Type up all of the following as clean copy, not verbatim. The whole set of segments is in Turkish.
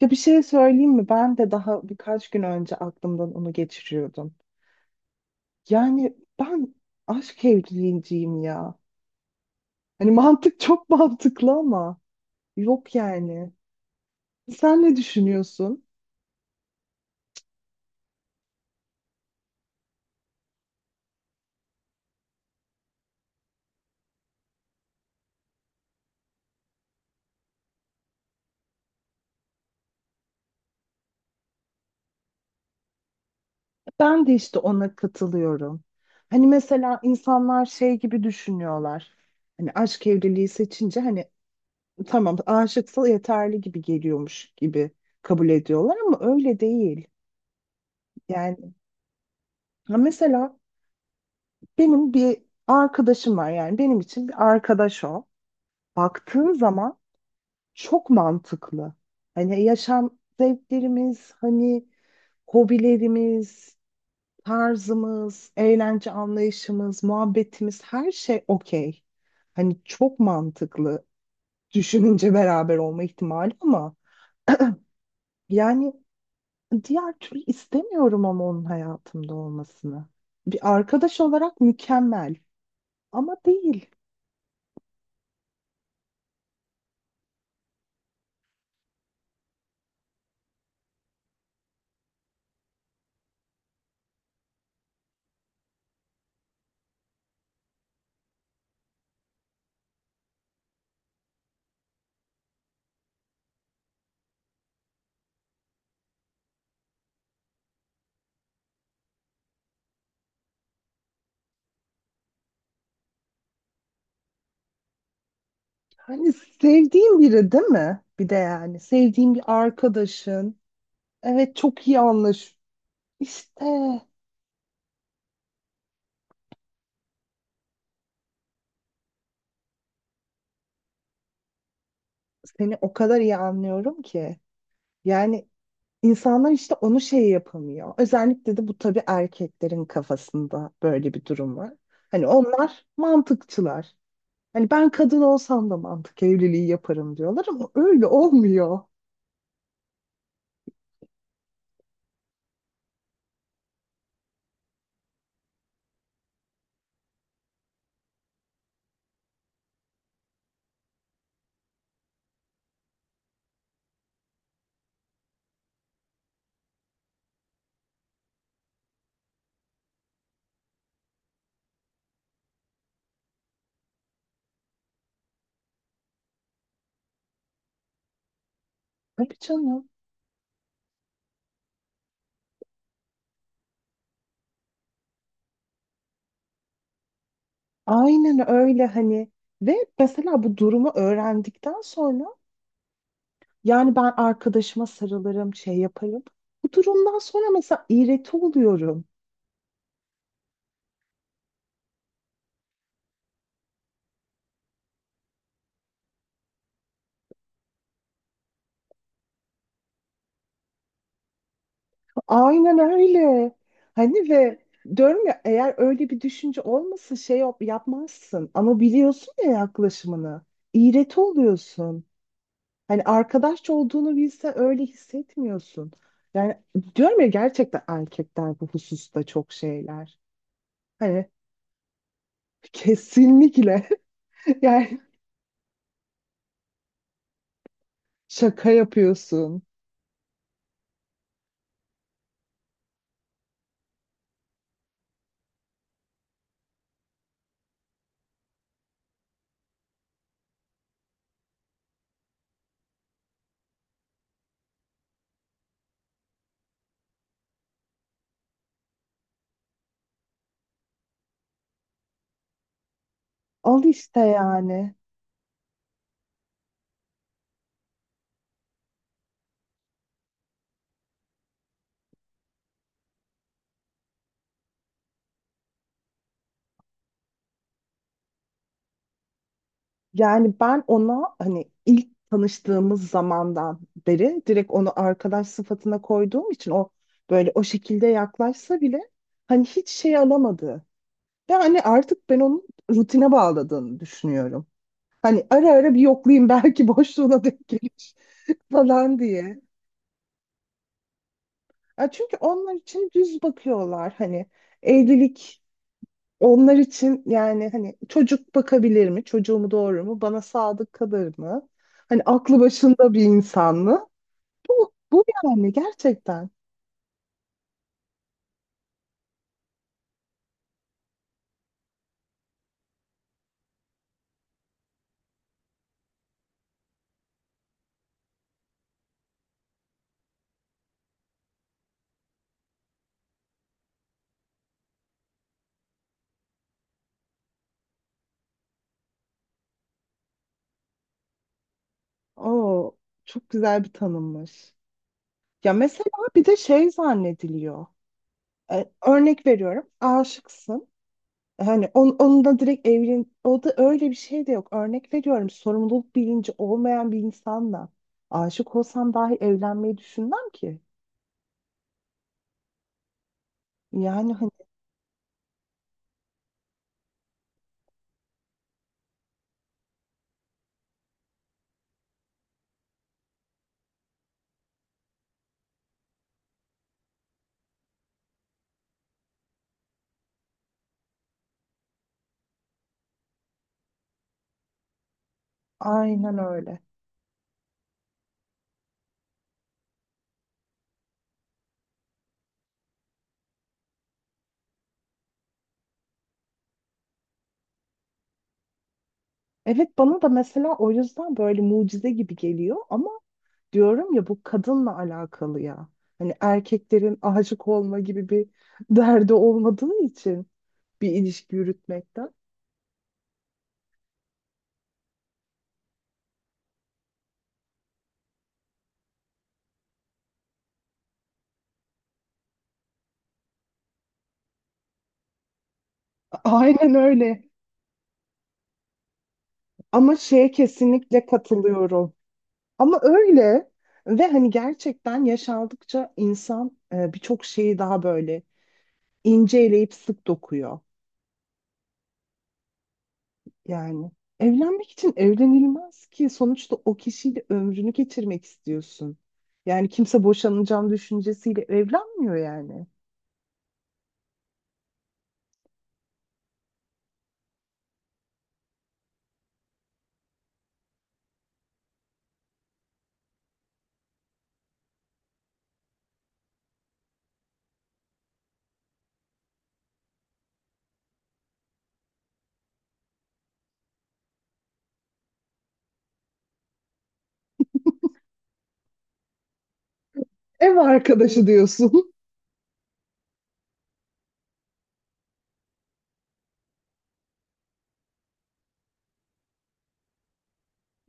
Ya bir şey söyleyeyim mi? Ben de daha birkaç gün önce aklımdan onu geçiriyordum. Yani ben aşk evliliğiciyim ya. Hani mantık çok mantıklı ama yok yani. Sen ne düşünüyorsun? Ben de işte ona katılıyorum. Hani mesela insanlar şey gibi düşünüyorlar. Hani aşk evliliği seçince hani tamam aşıksa yeterli gibi geliyormuş gibi kabul ediyorlar ama öyle değil. Yani ha mesela benim bir arkadaşım var, yani benim için bir arkadaş o. Baktığın zaman çok mantıklı. Hani yaşam zevklerimiz, hani hobilerimiz, tarzımız, eğlence anlayışımız, muhabbetimiz her şey okey. Hani çok mantıklı düşününce beraber olma ihtimali ama yani diğer türlü istemiyorum ama onun hayatımda olmasını. Bir arkadaş olarak mükemmel ama değil. Hani sevdiğin biri değil mi? Bir de yani sevdiğin bir arkadaşın. Evet, çok iyi anlaş. İşte seni o kadar iyi anlıyorum ki. Yani insanlar işte onu şey yapamıyor. Özellikle de bu tabii erkeklerin kafasında böyle bir durum var. Hani onlar mantıkçılar. Hani ben kadın olsam da mantık evliliği yaparım diyorlar ama öyle olmuyor. Tabii canım. Aynen öyle hani. Ve mesela bu durumu öğrendikten sonra yani ben arkadaşıma sarılırım, şey yaparım. Bu durumdan sonra mesela iğreti oluyorum. Aynen öyle. Hani ve diyorum ya, eğer öyle bir düşünce olmasa yapmazsın ama biliyorsun ya yaklaşımını. İğreti oluyorsun. Hani arkadaşça olduğunu bilse öyle hissetmiyorsun. Yani diyorum ya, gerçekten erkekler bu hususta çok şeyler. Hani kesinlikle. Yani şaka yapıyorsun. Al işte yani. Yani ben ona hani ilk tanıştığımız zamandan beri direkt onu arkadaş sıfatına koyduğum için o böyle o şekilde yaklaşsa bile hani hiç şey alamadı. Ve hani artık ben onun rutine bağladığını düşünüyorum. Hani ara ara bir yoklayayım, belki boşluğuna denk gelir falan diye. Ya çünkü onlar için düz bakıyorlar hani evlilik. Onlar için yani hani çocuk bakabilir mi? Çocuğumu doğurur mu? Bana sadık kalır mı? Hani aklı başında bir insan mı? Bu yani gerçekten. Oo, çok güzel bir tanımmış. Ya mesela bir de şey zannediliyor. E, örnek veriyorum. Aşıksın. Hani onunla direkt evlen... O da öyle bir şey de yok. Örnek veriyorum. Sorumluluk bilinci olmayan bir insanla aşık olsam dahi evlenmeyi düşünmem ki. Yani hani aynen öyle. Evet, bana da mesela o yüzden böyle mucize gibi geliyor ama diyorum ya, bu kadınla alakalı ya. Hani erkeklerin aşık olma gibi bir derdi olmadığı için bir ilişki yürütmekten. Aynen öyle. Ama şeye kesinlikle katılıyorum. Ama öyle ve hani gerçekten yaşandıkça insan birçok şeyi daha böyle inceleyip sık dokuyor. Yani evlenmek için evlenilmez ki, sonuçta o kişiyle ömrünü geçirmek istiyorsun. Yani kimse boşanacağım düşüncesiyle evlenmiyor yani. Ev arkadaşı diyorsun.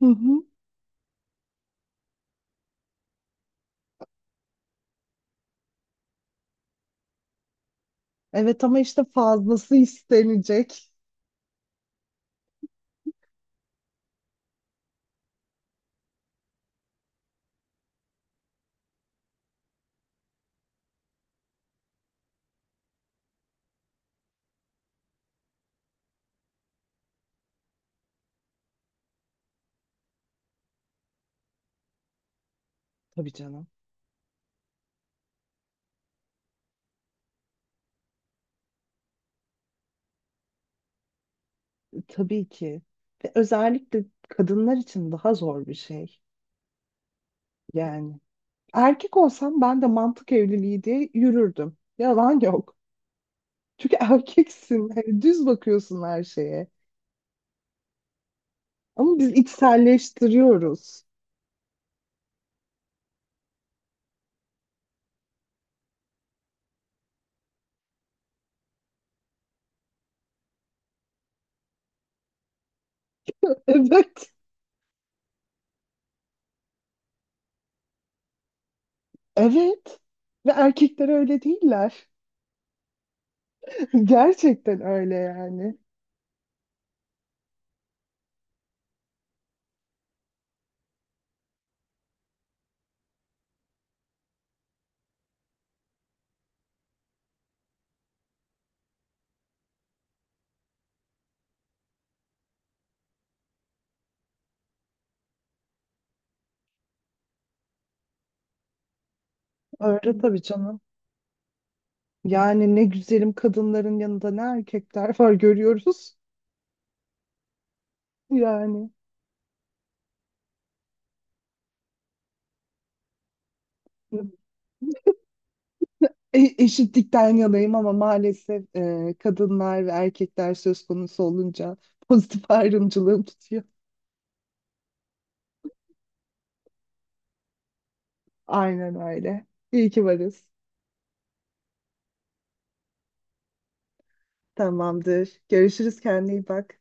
Hı hı. Evet ama işte fazlası istenecek. Tabii canım. Tabii ki. Ve özellikle kadınlar için daha zor bir şey. Yani erkek olsam ben de mantık evliliği diye yürürdüm. Yalan yok. Çünkü erkeksin. Hani düz bakıyorsun her şeye. Ama biz içselleştiriyoruz. Evet. Evet. Ve erkekler öyle değiller. Gerçekten öyle yani. Öyle tabii canım. Yani ne güzelim kadınların yanında ne erkekler var görüyoruz. Yani eşitlikten yanayım ama maalesef kadınlar ve erkekler söz konusu olunca pozitif ayrımcılığım tutuyor. Aynen öyle. İyi ki varız. Tamamdır. Görüşürüz. Kendine iyi bak.